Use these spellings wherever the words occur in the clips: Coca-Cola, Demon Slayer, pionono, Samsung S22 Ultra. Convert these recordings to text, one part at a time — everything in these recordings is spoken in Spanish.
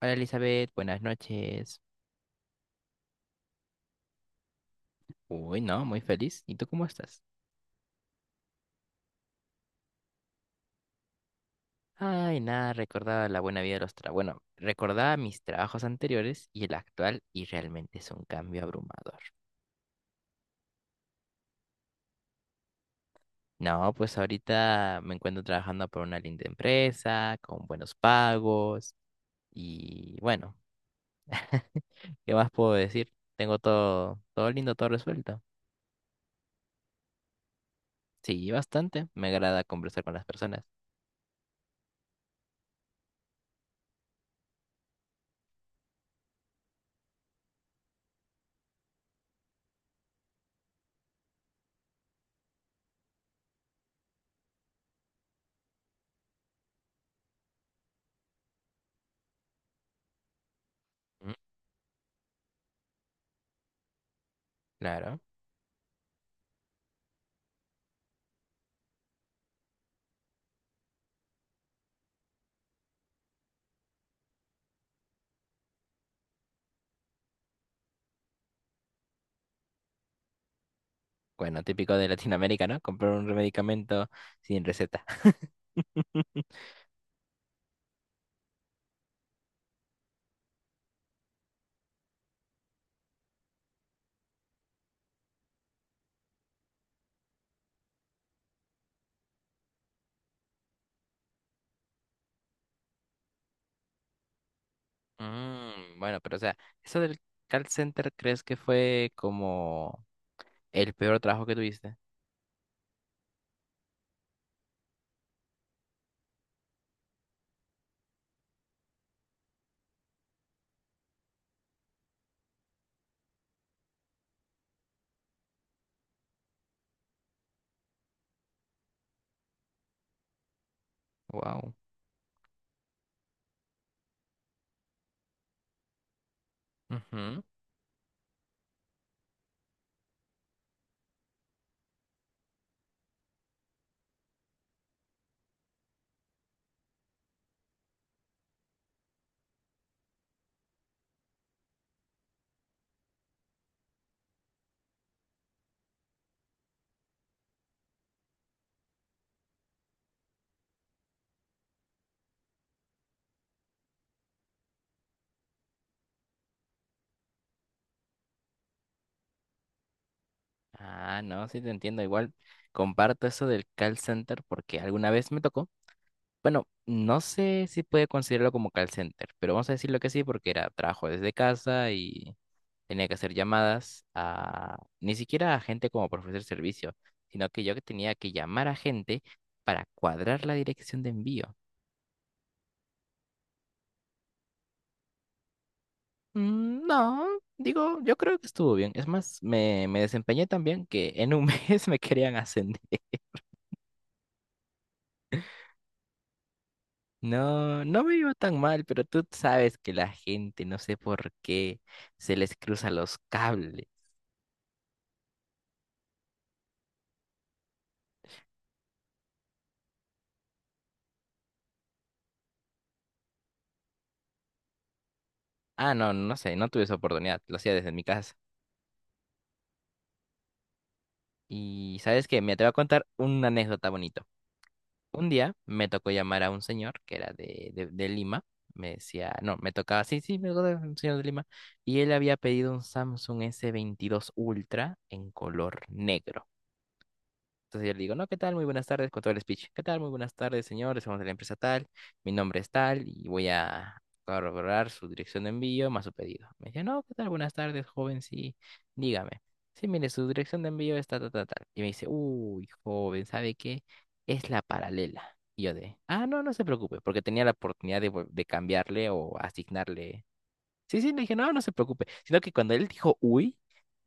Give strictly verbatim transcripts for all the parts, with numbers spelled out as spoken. Hola Elizabeth, buenas noches. Uy, no, muy feliz. ¿Y tú cómo estás? Ay, nada, recordaba la buena vida de los trabajos. Bueno, recordaba mis trabajos anteriores y el actual y realmente es un cambio abrumador. No, pues ahorita me encuentro trabajando por una linda empresa, con buenos pagos y bueno, ¿qué más puedo decir? Tengo todo, todo lindo, todo resuelto. Sí, bastante. Me agrada conversar con las personas. Mm. Claro. Bueno, típico de Latinoamérica, ¿no? Comprar un medicamento sin receta. Mm, bueno, pero o sea, eso del call center, ¿crees que fue como el peor trabajo que tuviste? Wow. Ujú. Ah, no, sí te entiendo. Igual comparto eso del call center porque alguna vez me tocó. Bueno, no sé si puede considerarlo como call center, pero vamos a decirlo que sí porque era trabajo desde casa y tenía que hacer llamadas a ni siquiera a gente como para ofrecer servicio, sino que yo que tenía que llamar a gente para cuadrar la dirección de envío. Mm, No, digo, yo creo que estuvo bien. Es más, me, me desempeñé tan bien que en un mes me querían ascender. No, no me iba tan mal, pero tú sabes que la gente, no sé por qué, se les cruza los cables. Ah, no, no sé, no tuve esa oportunidad, lo hacía desde mi casa. Y sabes que me te voy a contar una anécdota bonita. Un día me tocó llamar a un señor que era de, de, de Lima. Me decía, no, me tocaba, sí, sí, me tocaba un señor de Lima. Y él había pedido un Samsung S veintidós Ultra en color negro. Entonces yo le digo, no, ¿qué tal? Muy buenas tardes, con todo el speech. ¿Qué tal? Muy buenas tardes, señores. Somos de la empresa tal. Mi nombre es tal y voy a corroborar su dirección de envío más su pedido. Me dice, no, ¿qué tal? Buenas tardes, joven. Sí, dígame. Sí, mire, su dirección de envío está tal, tal, tal. Y me dice, uy, joven, ¿sabe qué? Es la paralela. Y yo de, ah, no, no se preocupe, porque tenía la oportunidad de, vol- de cambiarle o asignarle. Sí, sí, le dije, no, no se preocupe. Sino que cuando él dijo, uy,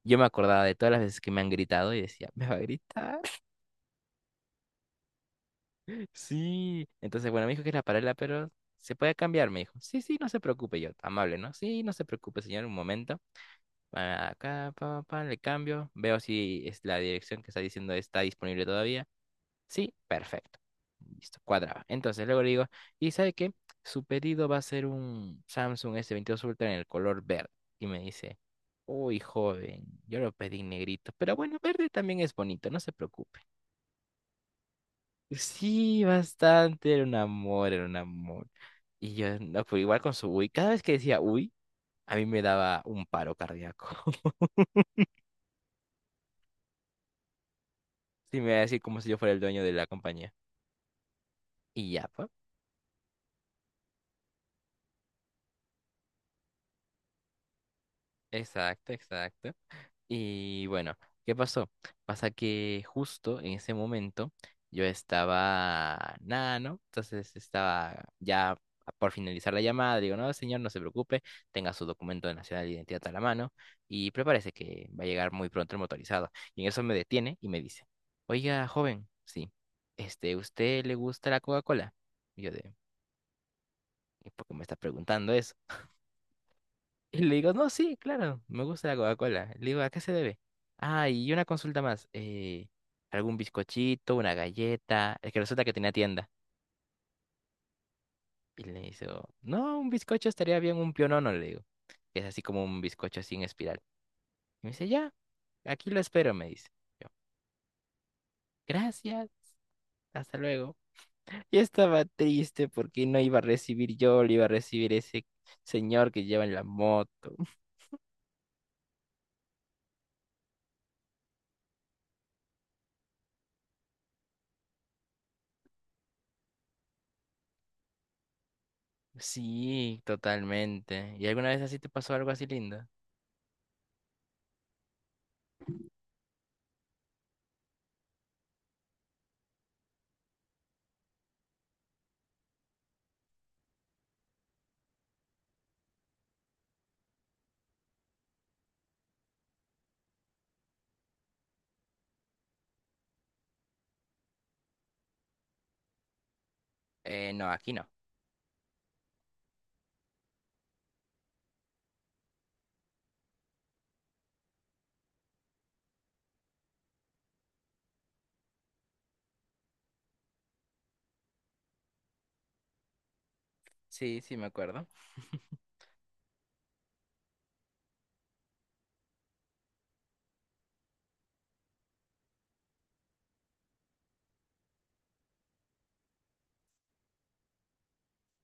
yo me acordaba de todas las veces que me han gritado y decía, me va a gritar. Sí, entonces, bueno, me dijo que era paralela, pero se puede cambiar, me dijo. Sí, sí, no se preocupe, yo, amable, ¿no? Sí, no se preocupe, señor, un momento. Pa- Acá, pa, pa, pa, le cambio, veo si es la dirección que está diciendo está disponible todavía. Sí, perfecto. Listo, cuadraba. Entonces, luego le digo, ¿y sabe qué? Su pedido va a ser un Samsung S veintidós Ultra en el color verde. Y me dice, uy, joven, yo lo pedí negrito, pero bueno, verde también es bonito, no se preocupe. Sí, bastante, era un amor, era un amor. Y yo, no, pues igual con su uy, cada vez que decía uy, a mí me daba un paro cardíaco. Sí, me iba a decir como si yo fuera el dueño de la compañía. Y ya, pues. Exacto, exacto. Y bueno, ¿qué pasó? Pasa que justo en ese momento yo estaba nada, ¿no? Entonces estaba ya por finalizar la llamada. Digo, no, señor, no se preocupe, tenga su documento de nacional de identidad a la mano y prepárese que va a llegar muy pronto el motorizado. Y en eso me detiene y me dice, oiga, joven, sí, este, ¿usted le gusta la Coca-Cola? Y yo de, "¿Y ¿por qué me está preguntando eso? Y le digo, no, sí, claro, me gusta la Coca-Cola. Le digo, ¿a qué se debe? Ah, y una consulta más. eh, ¿algún bizcochito, una galleta? Es que resulta que tenía tienda. Y le dice, no, un bizcocho estaría bien, un pionono, le digo. Que Es así como un bizcocho sin espiral. Y me dice, ya, aquí lo espero, me dice. Yo, gracias, hasta luego. Y estaba triste porque no iba a recibir yo, lo iba a recibir ese señor que lleva en la moto. Sí, totalmente. ¿Y alguna vez así te pasó algo así lindo? Eh, no, aquí no. Sí, sí me acuerdo.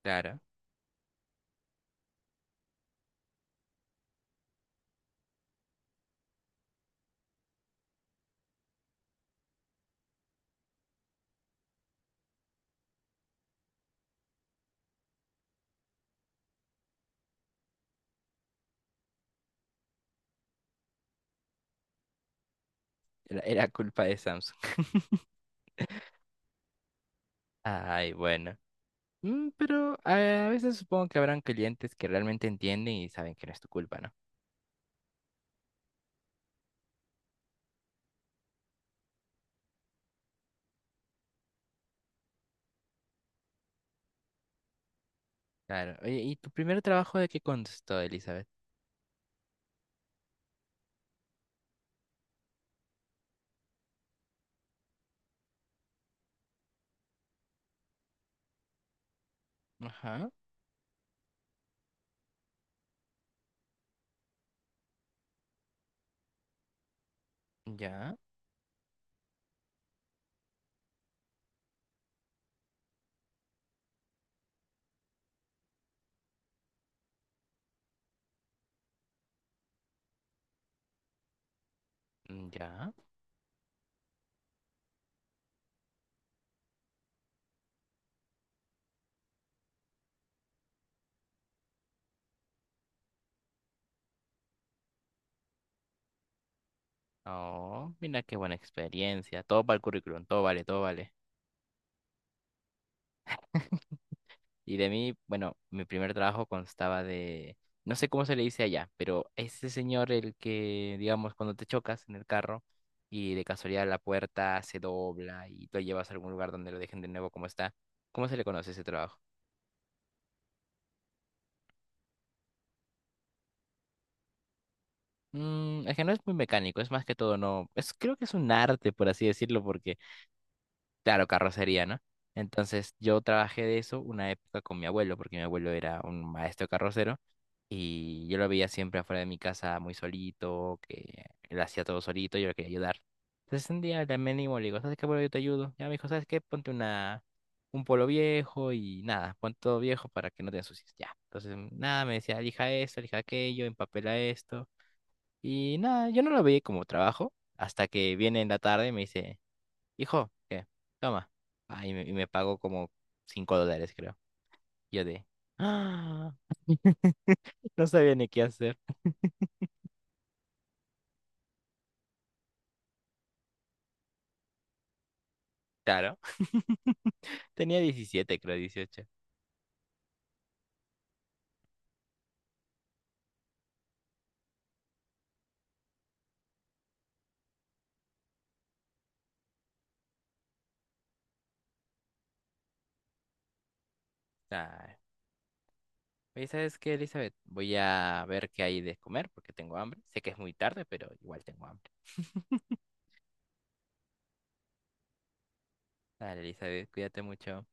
Claro, era, era culpa de Samsung. Ay, bueno. Mm, pero a, a veces supongo que habrán clientes que realmente entienden y saben que no es tu culpa, ¿no? Claro. Oye, ¿y tu primer trabajo de qué constó, Elizabeth? Ajá, ya, mm, ya. Oh, mira qué buena experiencia. Todo para el currículum, todo vale, todo vale. Y de mí, bueno, mi primer trabajo constaba de, no sé cómo se le dice allá, pero ese señor el que, digamos, cuando te chocas en el carro y de casualidad la puerta se dobla y tú lo llevas a algún lugar donde lo dejen de nuevo como está, ¿cómo se le conoce ese trabajo? Mm, es que no es muy mecánico, es más que todo, no, es, creo que es un arte, por así decirlo, porque, claro, carrocería, ¿no? Entonces yo trabajé de eso una época con mi abuelo, porque mi abuelo era un maestro carrocero. Y yo lo veía siempre afuera de mi casa muy solito, que él hacía todo solito, yo lo quería ayudar. Entonces un día le ánimo le digo, ¿sabes qué, bro? Yo te ayudo. Ya me dijo, ¿sabes qué? Ponte una, un polo viejo y nada, pon todo viejo para que no te ensucies. Ya. Entonces, nada, me decía, elija esto, elija aquello, empapela esto. Y nada, yo no lo veía como trabajo hasta que viene en la tarde y me dice, hijo, ¿qué? Toma. Ah, y me, y me pagó como cinco dólares, creo. Yo de, ah, no sabía ni qué hacer. Claro. Tenía diecisiete creo, dieciocho. Ay. Oye, ¿sabes qué, Elizabeth? Voy a ver qué hay de comer porque tengo hambre. Sé que es muy tarde, pero igual tengo hambre. Dale, Elizabeth, cuídate mucho.